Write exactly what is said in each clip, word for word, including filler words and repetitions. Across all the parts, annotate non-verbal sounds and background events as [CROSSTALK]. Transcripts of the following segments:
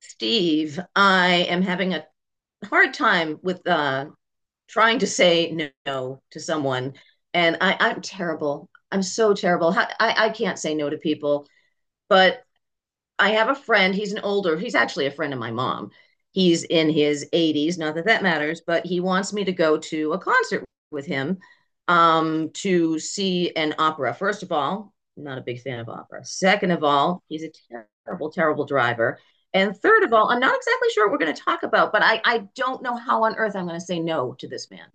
Steve, I am having a hard time with uh, trying to say no to someone, and I, I'm terrible. I'm so terrible. I, I can't say no to people, but I have a friend. He's an older, he's actually a friend of my mom. He's in his eighties, not that that matters, but he wants me to go to a concert with him, um, to see an opera. First of all, I'm not a big fan of opera. Second of all, he's a terrible, terrible driver. And third of all, I'm not exactly sure what we're going to talk about, but I, I don't know how on earth I'm going to say no to this man.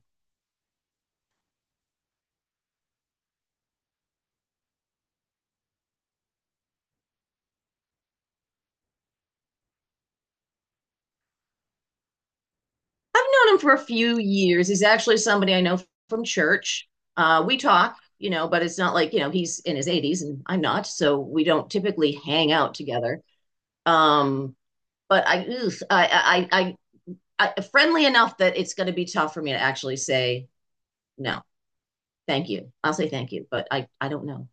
I've known him for a few years. He's actually somebody I know from church. Uh, we talk, you know, but it's not like, you know, he's in his eighties and I'm not. So we don't typically hang out together. Um, but I, ugh, I, I, I, I, friendly enough that it's going to be tough for me to actually say no, thank you. I'll say thank you, but I, I don't know.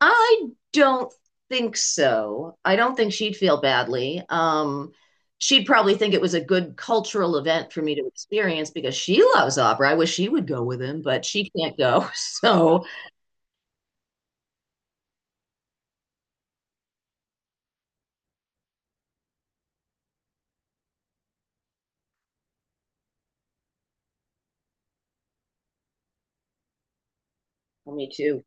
I don't think so. I don't think she'd feel badly. Um, she'd probably think it was a good cultural event for me to experience because she loves opera. I wish she would go with him, but she can't go. [LAUGHS] So, well, me too.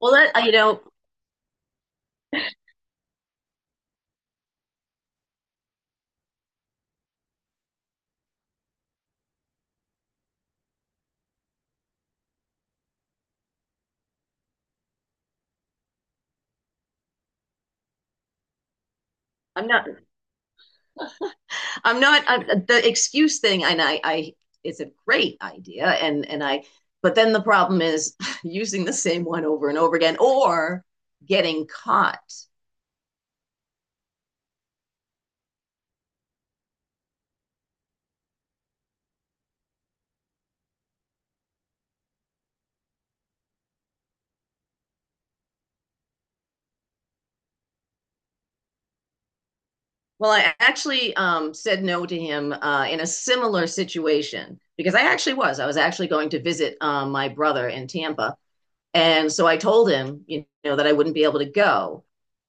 Well, that I- you know, I'm not. I'm not. I'm, the excuse thing, and I, I, it's a great idea, and and I. But then the problem is [LAUGHS] using the same one over and over again, or getting caught. Well, I actually um, said no to him uh, in a similar situation because I actually was. I was actually going to visit um, my brother in Tampa. And so I told him, you know, that I wouldn't be able to go.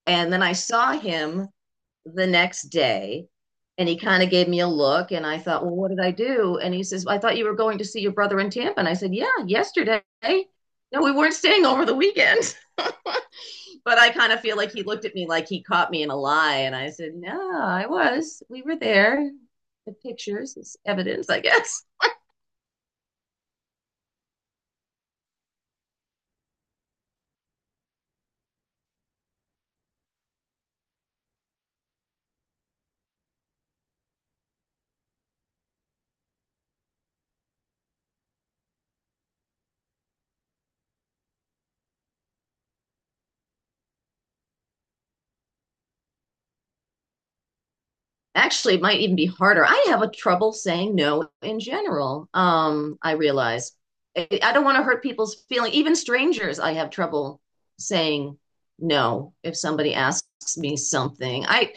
And then I saw him the next day, and he kind of gave me a look. And I thought, well, what did I do? And he says, I thought you were going to see your brother in Tampa. And I said, yeah, yesterday. No, we weren't staying over the weekend, but I kind of feel like he looked at me like he caught me in a lie, and I said, "No, I was. We were there. The pictures is evidence, I guess." Actually, it might even be harder. I have a trouble saying no in general. Um, I realize I don't want to hurt people's feelings. Even strangers, I have trouble saying no if somebody asks me something. I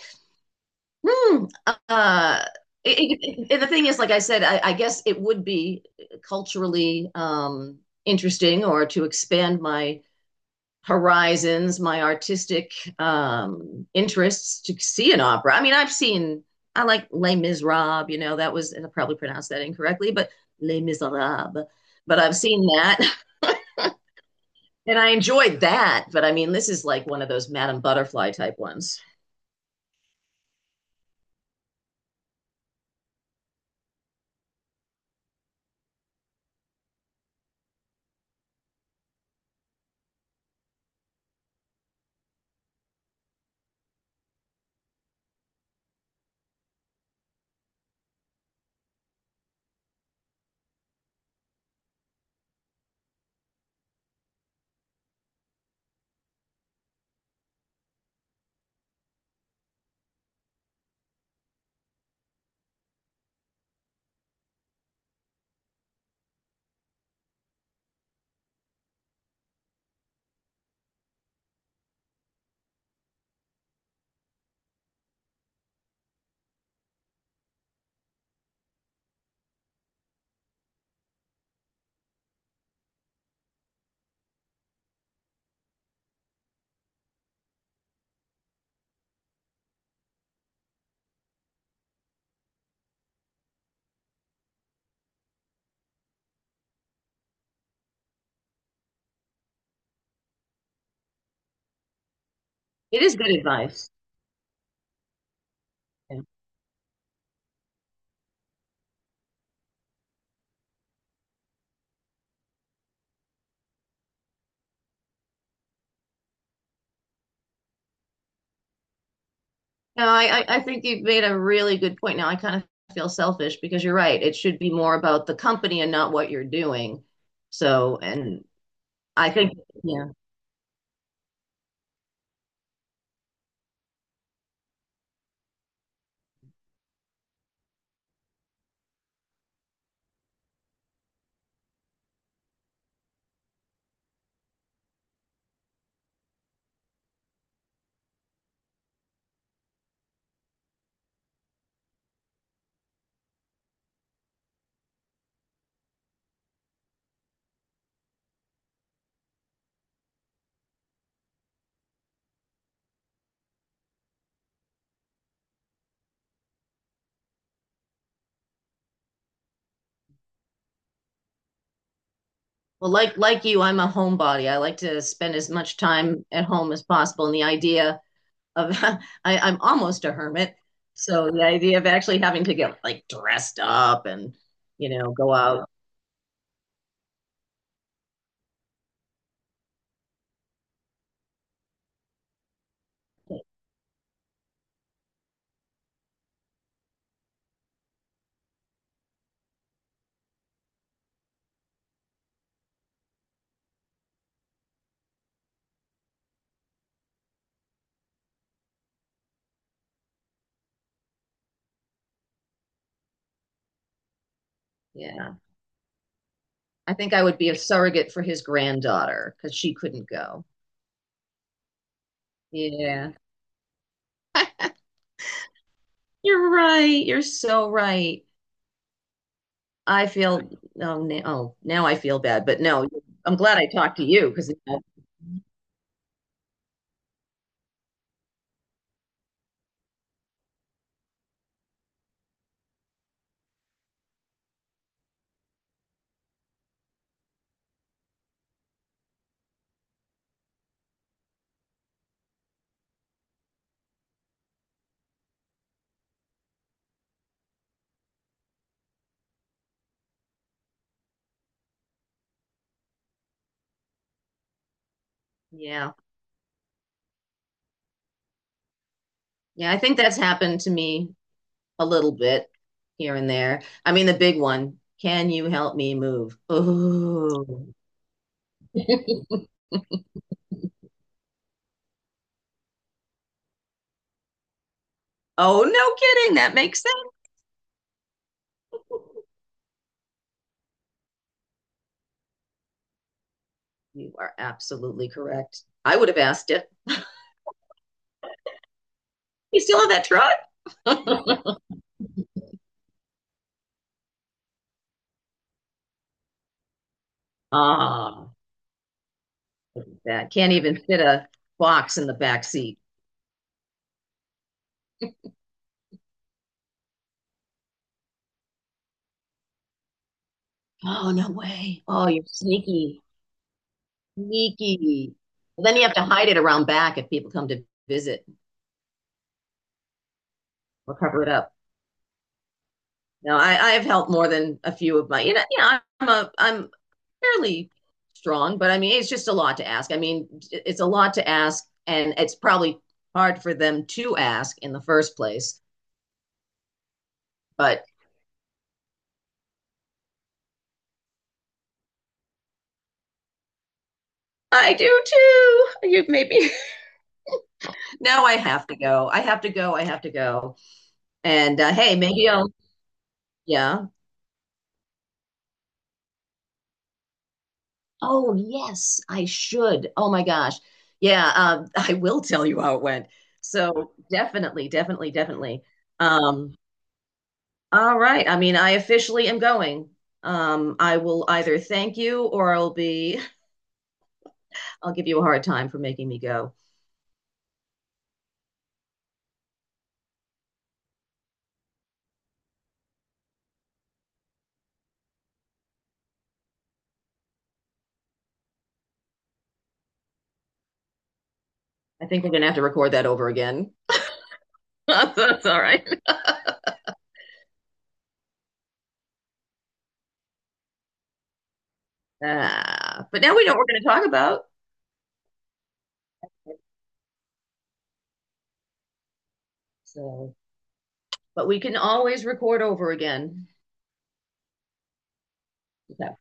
Hmm. Uh, it- it- it- and the thing is, like I said, I, I guess it would be culturally um, interesting, or to expand my horizons, my artistic um, interests, to see an opera. I mean, I've seen, I like Les Miserables, you know, that was, and I probably pronounced that incorrectly, but Les Miserables. But I've seen that [LAUGHS] and I enjoyed that. But I mean, this is like one of those Madame Butterfly type ones. It is good advice. Yeah. No, I, I, I think you've made a really good point. Now I kind of feel selfish because you're right. It should be more about the company and not what you're doing. So, and I think, yeah, well, like like you, I'm a homebody. I like to spend as much time at home as possible. And the idea of [LAUGHS] I, I'm almost a hermit. So the idea of actually having to get like dressed up and, you know, go out. Yeah. I think I would be a surrogate for his granddaughter because she couldn't go. Yeah. [LAUGHS] You're right. You're so right. I feel oh now, oh now I feel bad, but no, I'm glad I talked to you because yeah, yeah, I think that's happened to me a little bit here and there. I mean, the big one. Can you help me move? Oh, [LAUGHS] oh, no kidding. That makes sense. You are absolutely correct. I would have asked it. You still have that truck? [LAUGHS] Um, that can't even fit a box in the back seat. Oh, no way. Oh, you're sneaky. Sneaky. Well, then you have to hide it around back if people come to visit, or cover it up. Now, I, I have helped more than a few of my, you know, yeah, I'm a, I'm fairly strong, but I mean, it's just a lot to ask. I mean, it's a lot to ask, and it's probably hard for them to ask in the first place. But I do too. You maybe [LAUGHS] now I have to go. I have to go. I have to go. And uh, hey, maybe I'll, yeah. Oh, yes, I should. Oh my gosh. Yeah, um, [LAUGHS] I will tell you how it went. So definitely, definitely, definitely. Um, all right. I mean, I officially am going. Um, I will either thank you, or I'll be I'll give you a hard time for making me go. I think we're gonna have to record that over again. [LAUGHS] That's all right. Uh, but now we know what we're gonna talk about. So, but we can always record over again. That